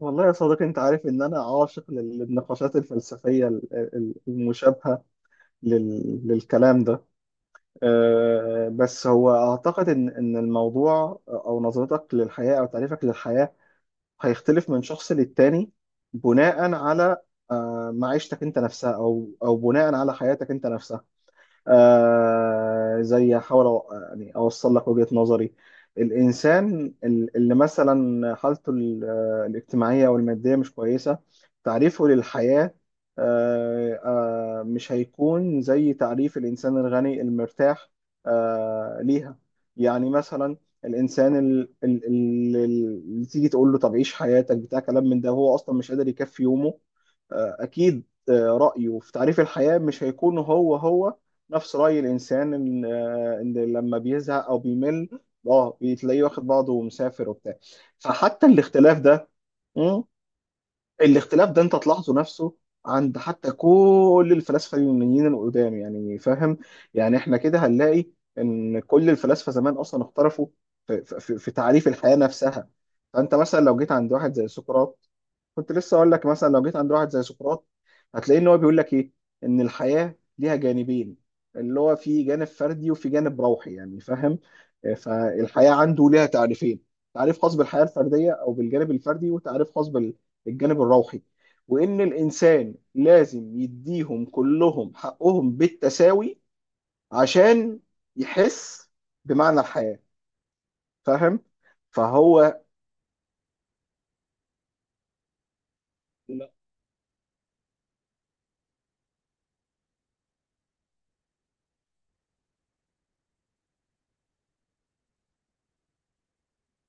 والله يا صديقي، انت عارف ان انا عاشق للنقاشات الفلسفيه المشابهه للكلام ده. بس هو اعتقد ان الموضوع او نظرتك للحياه او تعريفك للحياه هيختلف من شخص للتاني، بناء على معيشتك انت نفسها، او بناء على حياتك انت نفسها. زي احاول، أو يعني اوصل لك وجهة نظري. الانسان اللي مثلا حالته الاجتماعية او المادية مش كويسة، تعريفه للحياة مش هيكون زي تعريف الانسان الغني المرتاح. آه ليها، يعني مثلا الانسان اللي تيجي تقول له طب عيش حياتك بتاع كلام من ده، هو اصلا مش قادر يكفي يومه. اكيد، رأيه في تعريف الحياة مش هيكون هو هو نفس رأي الإنسان، إن لما بيزهق أو بيمل بتلاقيه واخد بعضه ومسافر وبتاع. فحتى الاختلاف ده، الاختلاف ده انت تلاحظه نفسه عند حتى كل الفلاسفه اليونانيين القدام، يعني فاهم؟ يعني احنا كده هنلاقي ان كل الفلاسفه زمان اصلا اختلفوا في تعريف الحياه نفسها. فانت مثلا لو جيت عند واحد زي سقراط، كنت لسه اقول لك، مثلا لو جيت عند واحد زي سقراط هتلاقي ان هو بيقول لك ايه؟ ان الحياه ليها جانبين، اللي هو في جانب فردي وفي جانب روحي، يعني فاهم؟ فالحياه عنده ليها تعريفين، تعريف خاص بالحياه الفرديه او بالجانب الفردي، وتعريف خاص الجانب الروحي. وإن الإنسان لازم يديهم كلهم حقهم بالتساوي عشان يحس بمعنى الحياة. فاهم؟ فهو لا،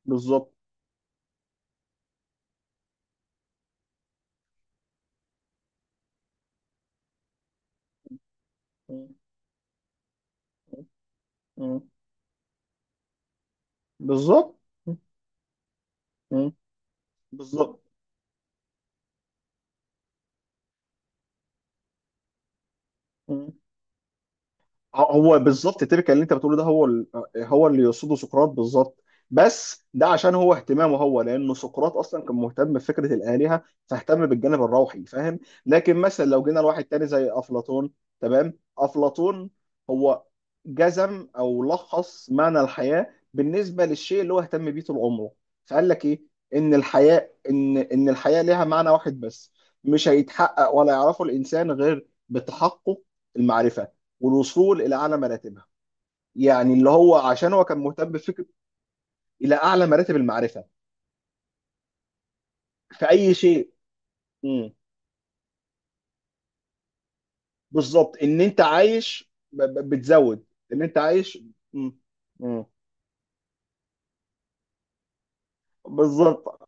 بالظبط. م- م- بالظبط. م- م- بالظبط. هو بالظبط التيبيكال اللي انت بتقوله ده هو هو اللي يقصده سقراط بالظبط. بس ده عشان هو اهتمامه هو، لانه سقراط اصلا كان مهتم بفكره الالهه، فاهتم بالجانب الروحي. فاهم؟ لكن مثلا لو جينا لواحد تاني زي افلاطون، تمام؟ افلاطون هو جزم او لخص معنى الحياه بالنسبه للشيء اللي هو اهتم بيه طول عمره. فقال لك ايه؟ ان الحياه، ليها معنى واحد بس، مش هيتحقق ولا يعرفه الانسان غير بتحقق المعرفه والوصول الى اعلى مراتبها. يعني اللي هو عشان هو كان مهتم بفكره الى اعلى مراتب المعرفه في اي شيء. مم. بالظبط، ان انت عايش بتزود، ان انت عايش. مم. مم. بالظبط.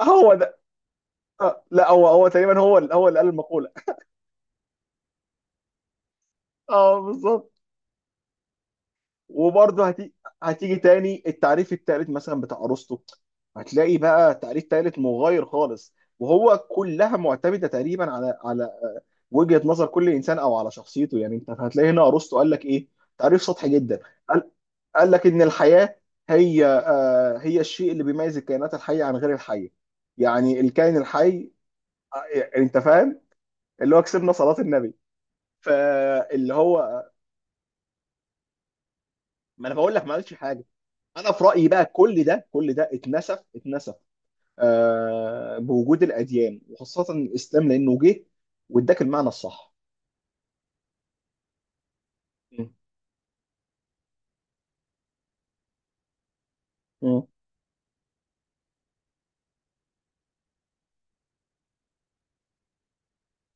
هو ده. لا، هو تقريبا هو اللي قال المقوله. اه بالظبط. وبرضه هتيجي تاني التعريف التالت مثلا بتاع ارسطو، هتلاقي بقى تعريف تالت مغاير خالص. وهو كلها معتمده تقريبا على وجهه نظر كل انسان او على شخصيته، يعني انت هتلاقي هنا ارسطو قال لك ايه؟ تعريف سطحي جدا. قال, قال لك ان الحياه هي هي الشيء اللي بيميز الكائنات الحيه عن غير الحيه، يعني الكائن الحي. يعني انت فاهم، اللي هو كسبنا صلاه النبي. فاللي هو، ما انا بقول لك ما قالش حاجه. انا في رايي بقى كل ده كل ده اتنسف اتنسف بوجود الاديان وخاصه الاسلام، لانه جه واداك المعنى الصح. مم. مم.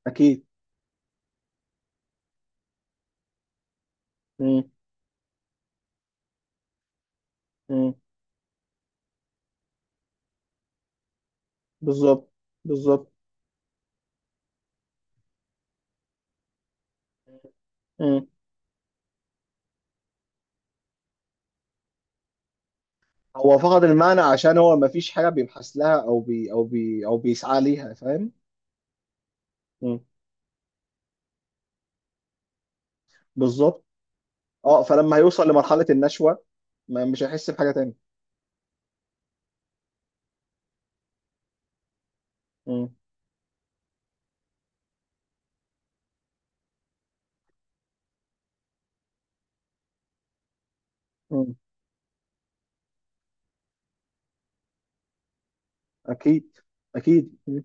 اكيد. مم. مم. بالظبط، بالظبط. مم. هو فقد المعنى عشان هو ما فيش حاجه بيبحث لها او بيسعى ليها، فاهم؟ مم. بالظبط. اه فلما هيوصل لمرحله النشوه ما مش هيحس بحاجه تانية. مم. مم. اكيد، اكيد. مم.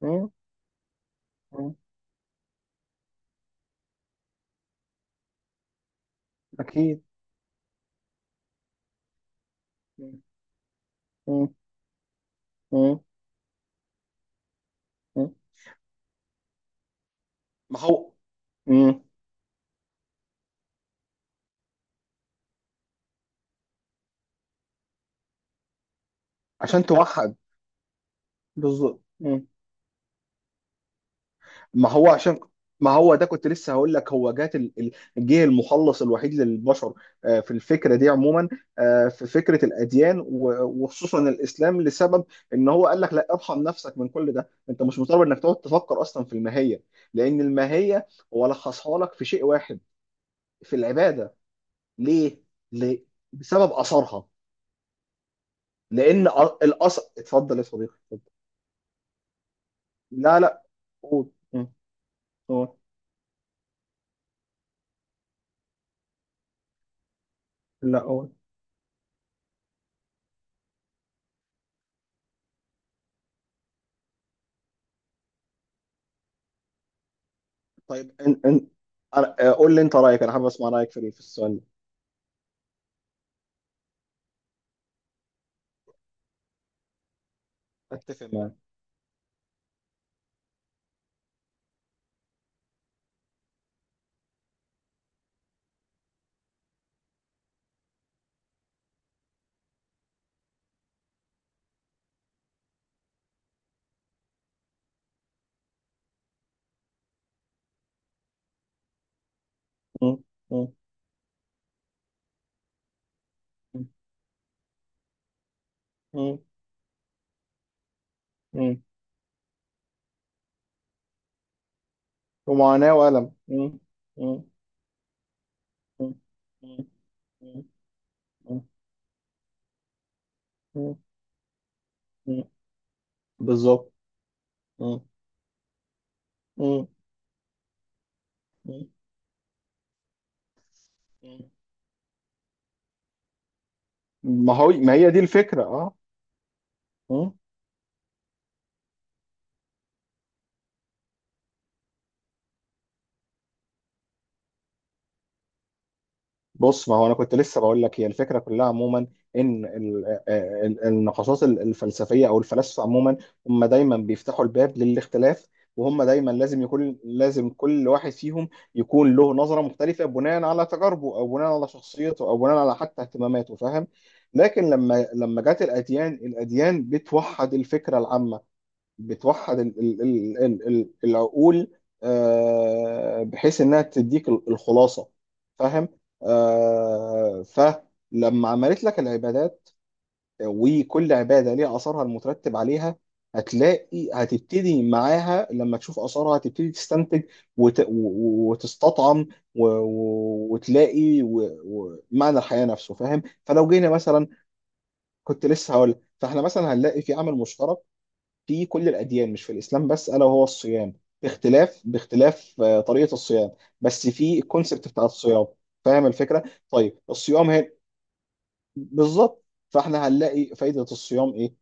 مم. مم. اكيد. مم. مم. مم. ما هو. مم. عشان توحد. بالظبط. مم. ما هو عشان ما هو ده كنت لسه هقول لك هو جه المخلص الوحيد للبشر في الفكره دي عموما، في فكره الاديان وخصوصا الاسلام، لسبب ان هو قال لك لا، ارحم نفسك من كل ده، انت مش مضطر انك تقعد تفكر اصلا في الماهيه. لان الماهيه هو لخصها لك في شيء واحد، في العباده. ليه؟ ليه؟ بسبب اثرها. لان الاثر... اتفضل يا صديقي، اتفضل. لا، لا، قول. مم. قول. لا، قول. طيب ان قول لي انت رايك، انا حابب اسمع رايك في السؤال ده. اتفق معاك. مم. مم. مم. مم. مم. ومعاناه والم. مم. مم. مم. مم. مم. مم. مم. مم. بالظبط. مم. مم. مم. ما هي دي الفكره. اه. بص، ما هو انا كنت لسه بقول لك هي الفكره كلها عموما. ان النقاشات الفلسفيه او الفلاسفه عموما، هم دايما بيفتحوا الباب للاختلاف، وهم دايما لازم كل واحد فيهم يكون له نظره مختلفه بناء على تجاربه او بناء على شخصيته او بناء على حتى اهتماماته، فاهم؟ لكن لما جت الاديان، الاديان بتوحد الفكره العامه، بتوحد العقول، بحيث انها تديك الخلاصه. فاهم؟ فلما عملت لك العبادات، وكل عباده ليها اثرها المترتب عليها، هتلاقي هتبتدي معاها، لما تشوف اثرها هتبتدي تستنتج وتستطعم وتلاقي معنى الحياه نفسه. فاهم؟ فلو جينا مثلا... كنت لسه هقول، فاحنا مثلا هنلاقي في عامل مشترك في كل الأديان، مش في الإسلام بس، ألا وهو الصيام، باختلاف طريقة الصيام، بس في الكونسبت بتاع الصيام. فاهم الفكرة؟ طيب الصيام هي، بالظبط. فاحنا هنلاقي فايدة الصيام إيه؟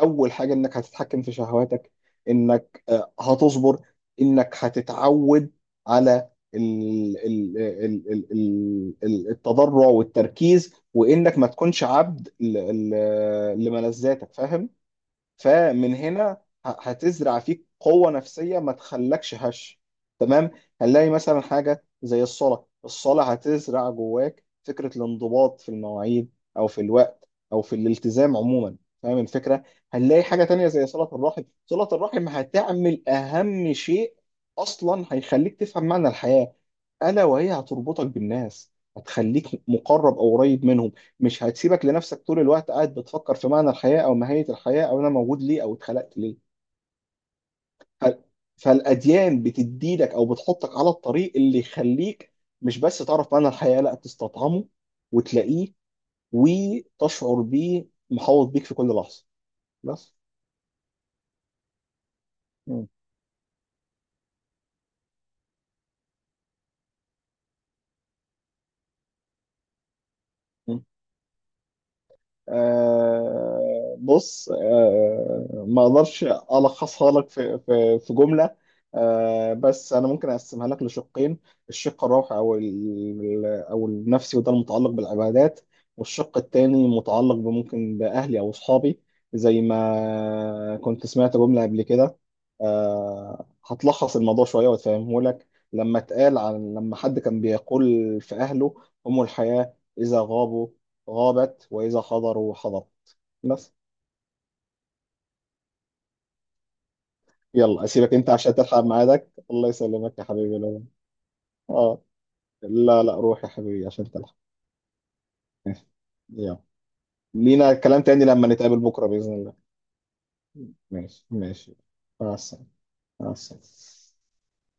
أول حاجة إنك هتتحكم في شهواتك، إنك هتصبر، إنك هتتعود على التضرع والتركيز، وإنك ما تكونش عبد لملذاتك. فاهم؟ فمن هنا هتزرع فيك قوة نفسية ما تخلكش هش، تمام؟ هنلاقي مثلا حاجة زي الصلاة، الصلاة هتزرع جواك فكرة الانضباط في المواعيد أو في الوقت أو في الالتزام عموما، فاهم الفكرة؟ هنلاقي حاجة تانية زي صلة الرحم، صلة الرحم هتعمل أهم شيء أصلا، هيخليك تفهم معنى الحياة، ألا وهي هتربطك بالناس، هتخليك مقرب أو قريب منهم، مش هتسيبك لنفسك طول الوقت قاعد بتفكر في معنى الحياة أو ماهية الحياة أو أنا موجود ليه أو اتخلقت ليه. ف- فالأديان بتديلك أو بتحطك على الطريق اللي يخليك مش بس تعرف معنى الحياة، لا تستطعمه وتلاقيه وتشعر بيه محوط بيك في كل لحظة. بس. م. م. بص، ما اقدرش الخصها لك في في جمله. بس انا ممكن اقسمها لك لشقين، الشق الروحي او او النفسي وده المتعلق بالعبادات، والشق التاني متعلق بممكن باهلي او اصحابي. زي ما كنت سمعت جمله قبل كده هتلخص الموضوع شويه وتفهمه لك، لما اتقال عن لما حد كان بيقول في اهله، هم الحياه، اذا غابوا غابت وإذا حضروا حضرت. بس. يلا أسيبك أنت عشان تلحق ميعادك. الله يسلمك يا حبيبي. لا. آه لا، لا، روح يا حبيبي عشان تلحق. ماشي. يلا. لينا كلام تاني لما نتقابل بكرة بإذن الله. ماشي، ماشي. مع السلامة. مع السلامة.